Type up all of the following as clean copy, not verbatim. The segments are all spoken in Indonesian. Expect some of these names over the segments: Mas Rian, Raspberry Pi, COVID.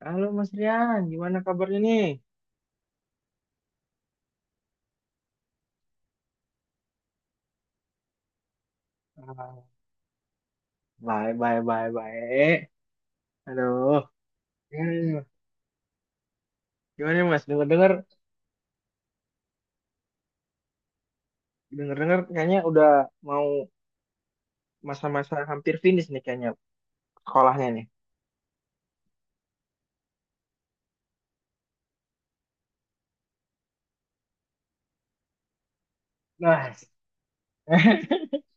Halo Mas Rian, gimana kabarnya nih? Ah, Baik, baik, baik, baik. Aduh, gimana nih, Mas? Gimana nih, Mas? Dengar-dengar, dengar-dengar kayaknya udah mau masa-masa hampir finish nih kayaknya sekolahnya nih. Nah,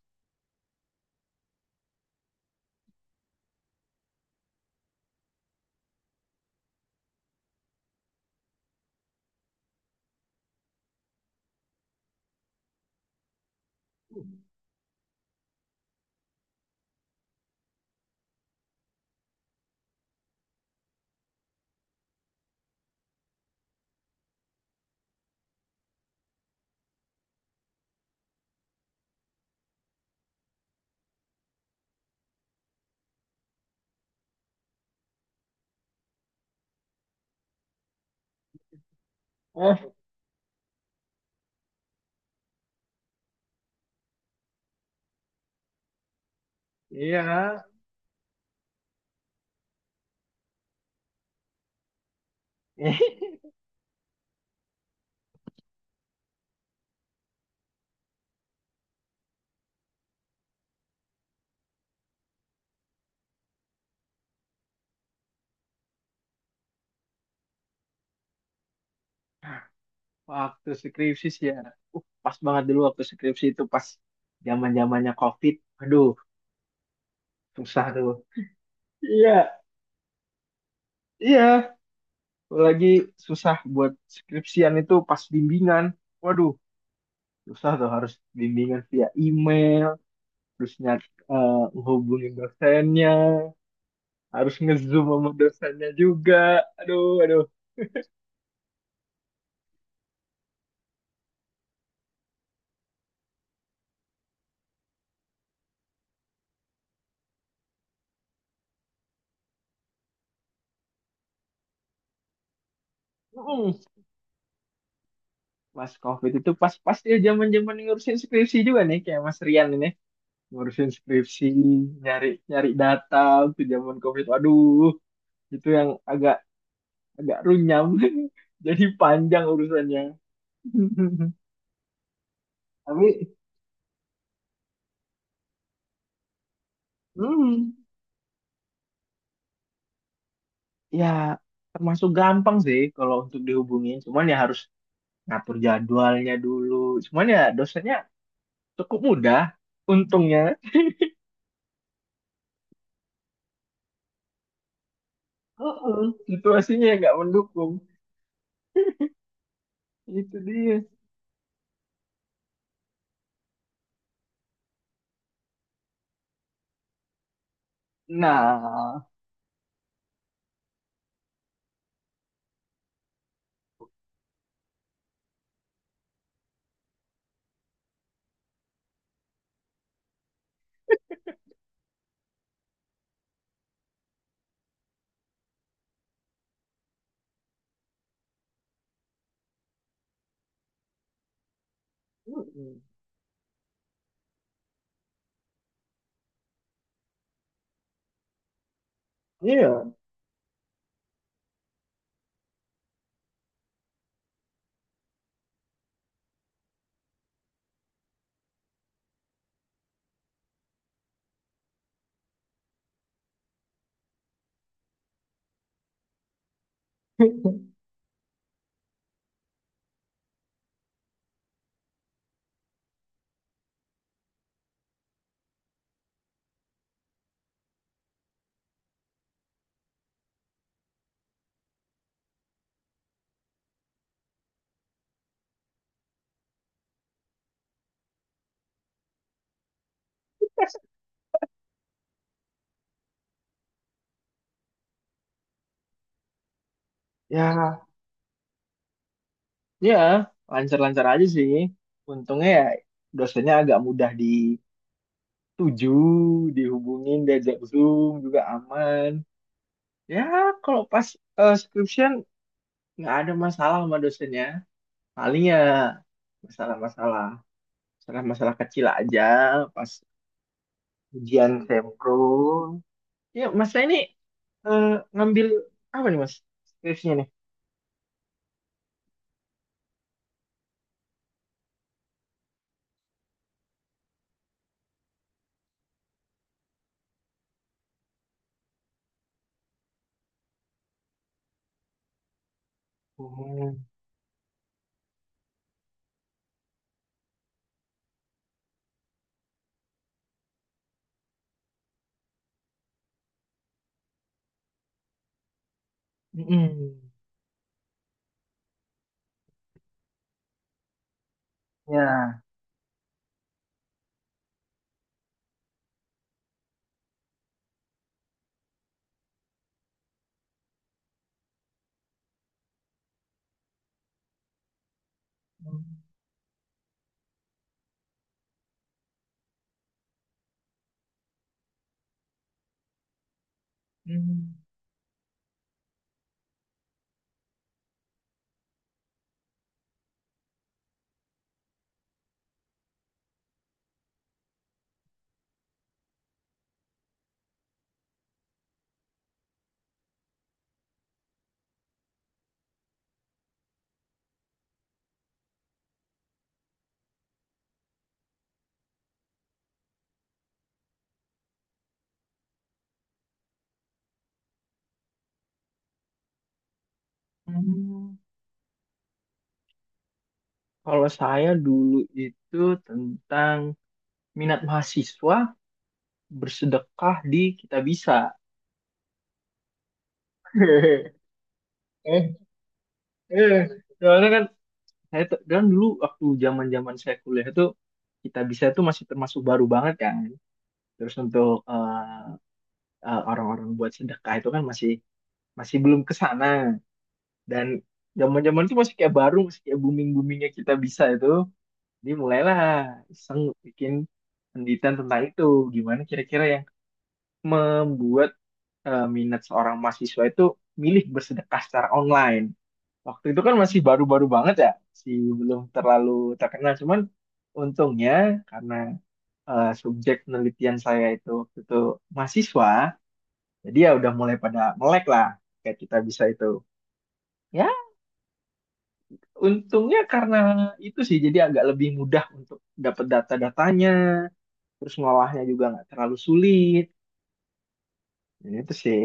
oh iya, waktu skripsi sih ya. Uh, Pas banget dulu waktu skripsi itu pas zaman-zamannya COVID. Aduh, susah tuh. Iya, iya. Lagi susah buat skripsian itu pas bimbingan. Waduh, susah tuh harus bimbingan via email terus eh, hubungin dosennya, harus ngezoom sama dosennya juga, aduh aduh. Mm, pas covid itu pas pas dia zaman zaman ngurusin skripsi juga nih kayak Mas Rian ini, ngurusin skripsi, nyari nyari data waktu zaman covid, waduh, itu yang agak agak runyam jadi panjang urusannya. Tapi hmm, ya termasuk gampang sih kalau untuk dihubungin, cuman ya harus ngatur jadwalnya dulu. Cuman ya dosennya cukup mudah. Untungnya. Heeh, situasinya nggak mendukung. Itu dia. Nah, mm, iya. Ya, ya lancar-lancar aja sih. Untungnya ya dosennya agak mudah dituju, dihubungin, diajak Zoom juga aman. Ya, kalau pas skripsian nggak ada masalah sama dosennya. Paling ya masalah-masalah, masalah-masalah kecil aja pas ujian sempro. Ya mas, saya ini eh, ngambil apa nih mas skripsinya nih. Hmm. Mm-mm. Ya. Hmm. Mm. Kalau saya dulu itu tentang minat mahasiswa bersedekah di kita bisa. Eh, eh. Soalnya kan saya tuh- kan dulu waktu zaman-zaman saya kuliah itu, kita bisa tuh masih termasuk baru banget kan. Terus untuk orang-orang buat sedekah itu kan masih masih belum ke sana, dan zaman-zaman itu masih kayak baru, masih kayak booming-boomingnya kita bisa itu, jadi mulailah iseng bikin penelitian tentang itu, gimana kira-kira yang membuat minat seorang mahasiswa itu milih bersedekah secara online. Waktu itu kan masih baru-baru banget ya, masih belum terlalu terkenal, cuman untungnya karena subjek penelitian saya itu waktu itu mahasiswa, jadi ya udah mulai pada melek lah kayak kita bisa itu. Ya, untungnya karena itu sih jadi agak lebih mudah untuk dapat data-datanya, terus ngolahnya juga nggak terlalu sulit. Ya, itu sih.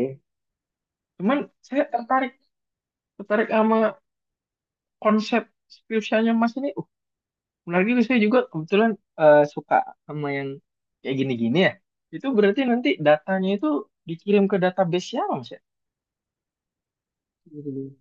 Cuman saya tertarik, tertarik sama konsep skripsianya Mas ini. Menarik juga, saya juga kebetulan suka sama yang kayak gini-gini ya. Itu berarti nanti datanya itu dikirim ke database siapa Mas ya? Gitu.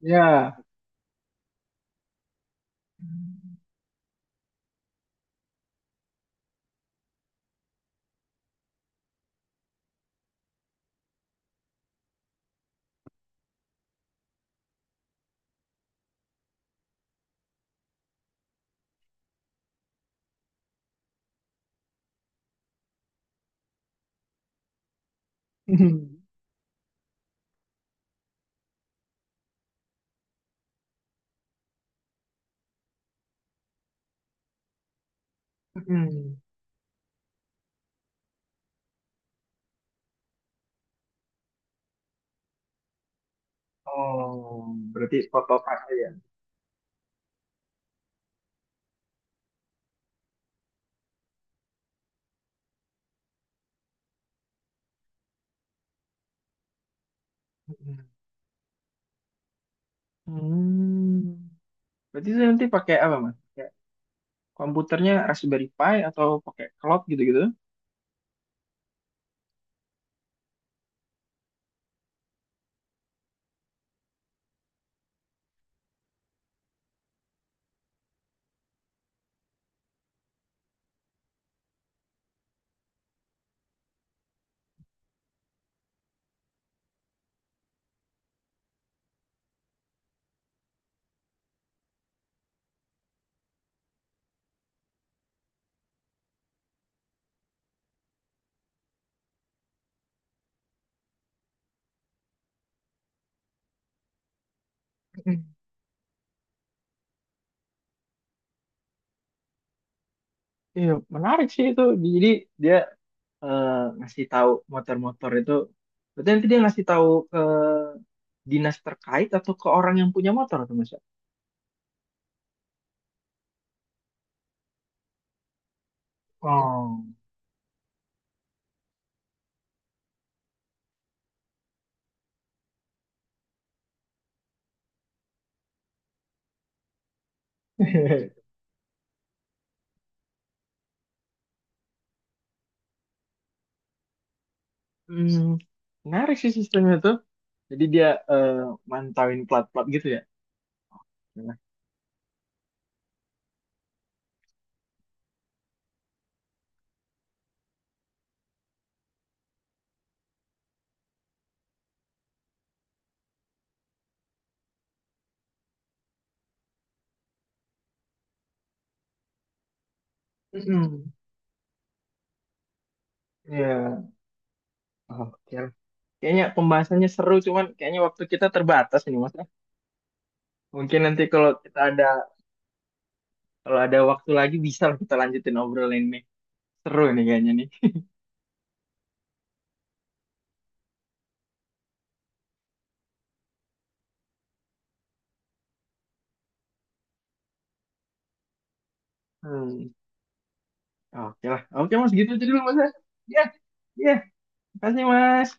Ya, Hmm. Oh, berarti foto file ya. Mm. Hmm. Berarti itu nanti pakai apa, Mas? Kayak komputernya Raspberry Pi atau pakai cloud gitu-gitu? Mm. Iya, menarik sih itu. Jadi dia eh, ngasih tahu motor-motor itu. Berarti nanti dia ngasih tahu ke dinas terkait atau ke orang yang punya motor atau Mas ya? Oh. Hmm, menarik sih sistemnya tuh. Jadi dia eh, mantauin plat-plat gitu ya. Nah. Mm-mm. Iya. Oke, kayaknya pembahasannya seru, cuman kayaknya waktu kita terbatas ini, Mas. Mungkin nanti kalau kita ada, kalau ada waktu lagi bisa lah kita lanjutin obrolan ini. Seru nih kayaknya nih. Hmm. Oke lah. Oke, Mas, gitu aja dulu, Mas. Ya. Ya, makasih, Mas.